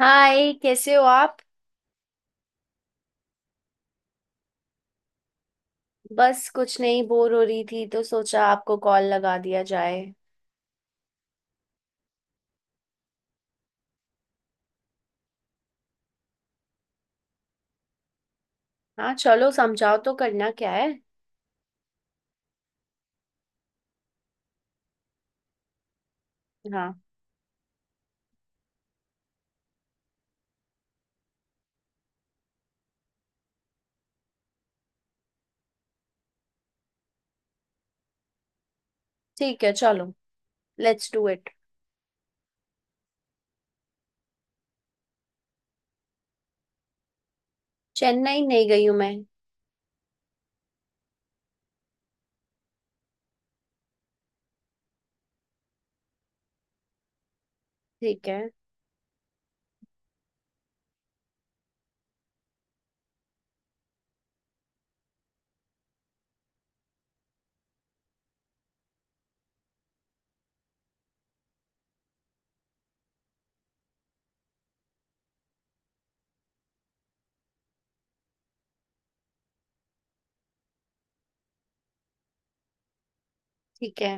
हाय, कैसे हो आप। बस कुछ नहीं, बोर हो रही थी तो सोचा आपको कॉल लगा दिया जाए। हाँ चलो, समझाओ तो करना क्या है। हाँ। ठीक है, चलो। Let's do it. चेन्नई नहीं गई हूँ मैं। ठीक है। ठीक है।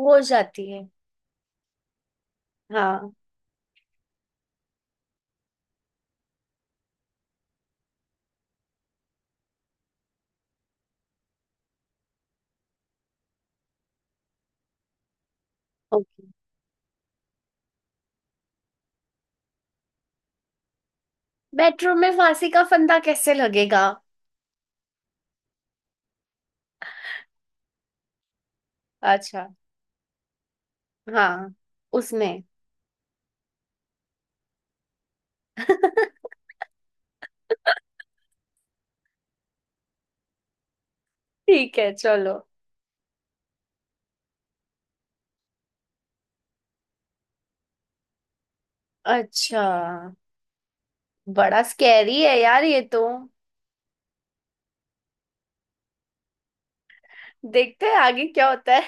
हो जाती है। हाँ। ओके। मेट्रो में फांसी का फंदा कैसे लगेगा? अच्छा। हाँ। उसमें ठीक है, चलो। अच्छा। बड़ा स्कैरी है यार ये तो। देखते हैं आगे क्या होता है।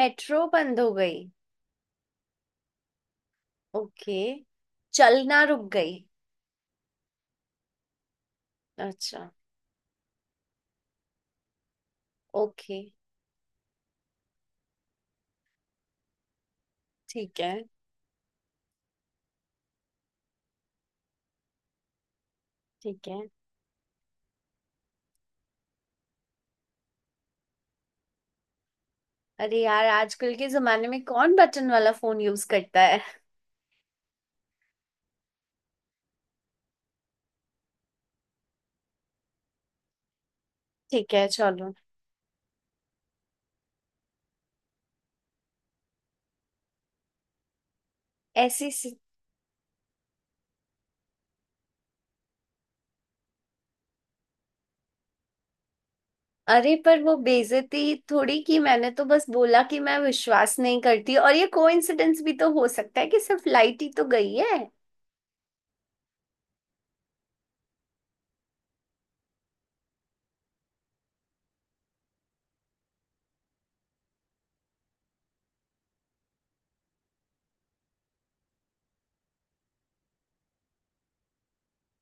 मेट्रो बंद हो गई? ओके। चलना रुक गई? अच्छा। ओके। ठीक है। ठीक है। अरे यार, आजकल के जमाने में कौन बटन वाला फोन यूज करता है। ठीक है, चलो। ऐसी सी... अरे पर वो बेइज्जती थोड़ी की, मैंने तो बस बोला कि मैं विश्वास नहीं करती, और ये कोइंसिडेंस भी तो हो सकता है कि सिर्फ लाइट ही तो गई है।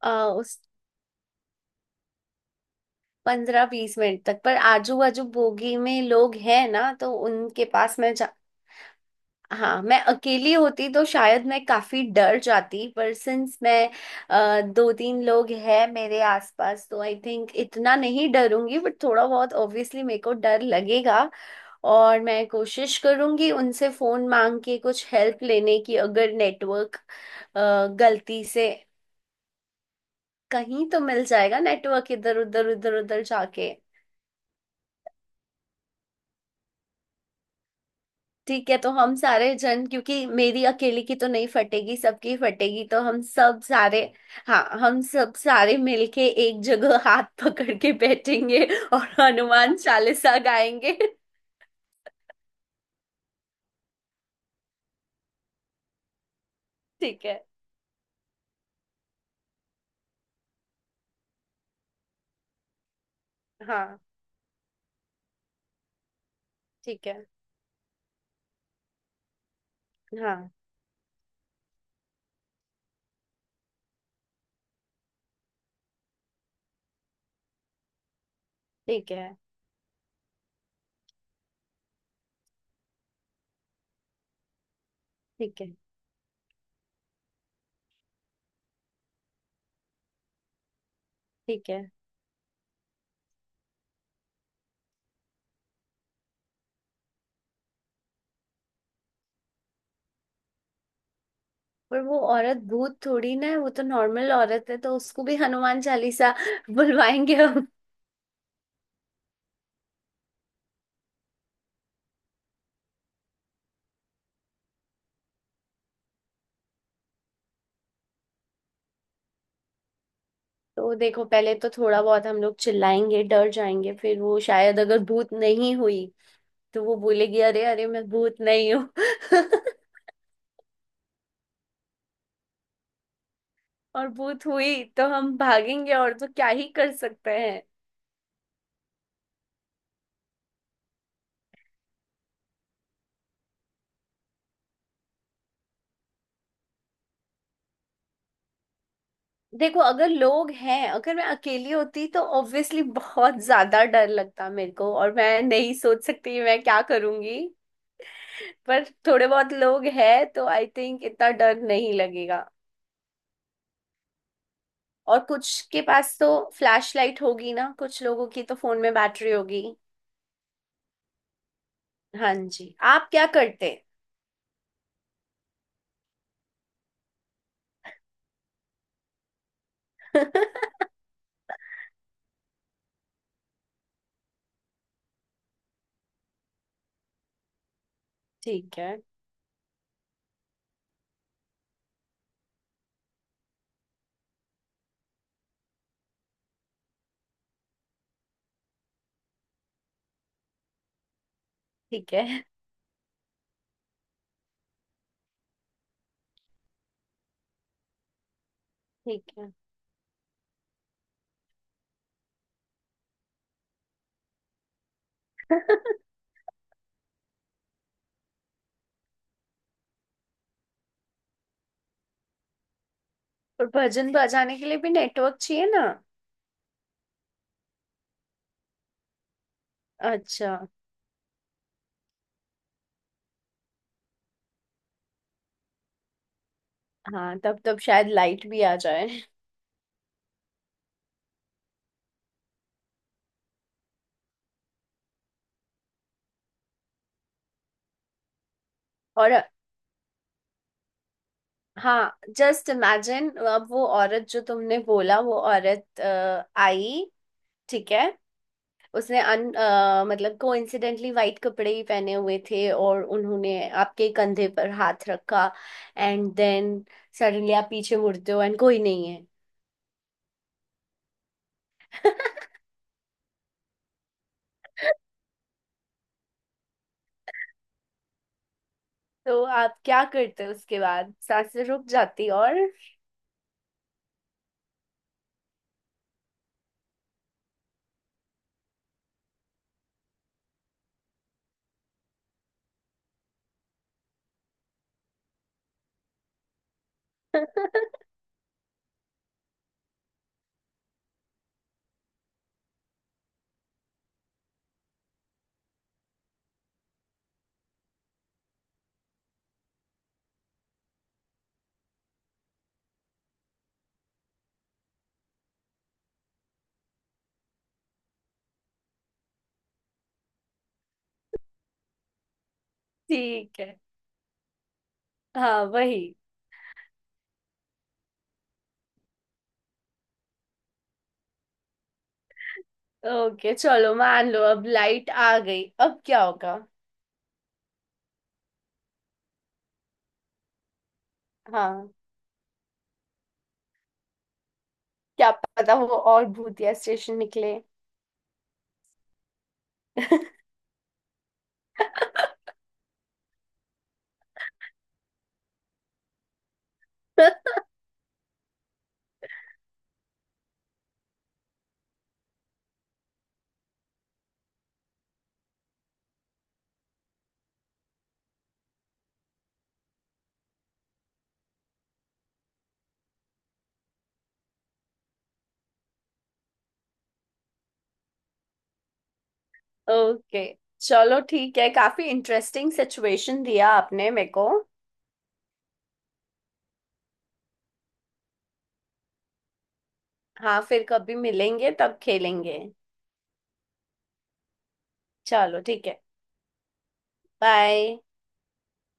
आ, उस 15-20 मिनट तक पर आजू बाजू बोगी में लोग हैं ना, तो उनके पास हाँ, मैं अकेली होती तो शायद मैं काफी डर जाती, पर सिंस मैं दो तीन लोग हैं मेरे आसपास, तो आई थिंक इतना नहीं डरूंगी, बट थोड़ा बहुत ऑब्वियसली मेरे को डर लगेगा। और मैं कोशिश करूंगी उनसे फोन मांग के कुछ हेल्प लेने की, अगर नेटवर्क गलती से कहीं तो मिल जाएगा नेटवर्क, इधर उधर उधर उधर जाके। ठीक है, तो हम सारे जन, क्योंकि मेरी अकेली की तो नहीं फटेगी, सबकी फटेगी, तो हम सब सारे। हाँ, हम सब सारे मिलके एक जगह हाथ पकड़ के बैठेंगे और हनुमान चालीसा गाएंगे। ठीक है। हाँ। ठीक है। हाँ। ठीक है। ठीक है। ठीक है। पर वो औरत भूत थोड़ी ना है, वो तो नॉर्मल औरत है, तो उसको भी हनुमान चालीसा बुलवाएंगे हम। तो देखो, पहले तो थोड़ा बहुत हम लोग चिल्लाएंगे, डर जाएंगे, फिर वो शायद अगर भूत नहीं हुई तो वो बोलेगी, अरे अरे मैं भूत नहीं हूँ। और भूत हुई तो हम भागेंगे, और तो क्या ही कर सकते हैं। देखो अगर लोग हैं, अगर मैं अकेली होती तो ऑब्वियसली बहुत ज्यादा डर लगता मेरे को, और मैं नहीं सोच सकती मैं क्या करूंगी। पर थोड़े बहुत लोग हैं तो आई थिंक इतना डर नहीं लगेगा। और कुछ के पास तो फ्लैश लाइट होगी ना, कुछ लोगों की तो फोन में बैटरी होगी। हाँ जी, आप क्या करते? ठीक है। ठीक है। ठीक है। पर भजन बजाने के लिए भी नेटवर्क चाहिए ना। अच्छा। हाँ, तब तब शायद लाइट भी आ जाए। और। हाँ, जस्ट इमेजिन, अब वो औरत जो तुमने बोला, वो औरत आई। ठीक है। उसने मतलब कोइंसिडेंटली वाइट कपड़े ही पहने हुए थे, और उन्होंने आपके कंधे पर हाथ रखा, एंड देन सडनली आप पीछे मुड़ते हो, एंड कोई नहीं है। तो आप क्या करते हो उसके बाद, सांसें रुक जाती, और। ठीक है। हाँ, वही। ओके चलो, मान लो अब लाइट आ गई, अब क्या होगा। हाँ, क्या पता वो और भूतिया स्टेशन निकले। ओके चलो, ठीक है, काफी इंटरेस्टिंग सिचुएशन दिया आपने मेरे को। हाँ, फिर कभी मिलेंगे तब खेलेंगे। चलो ठीक है। बाय।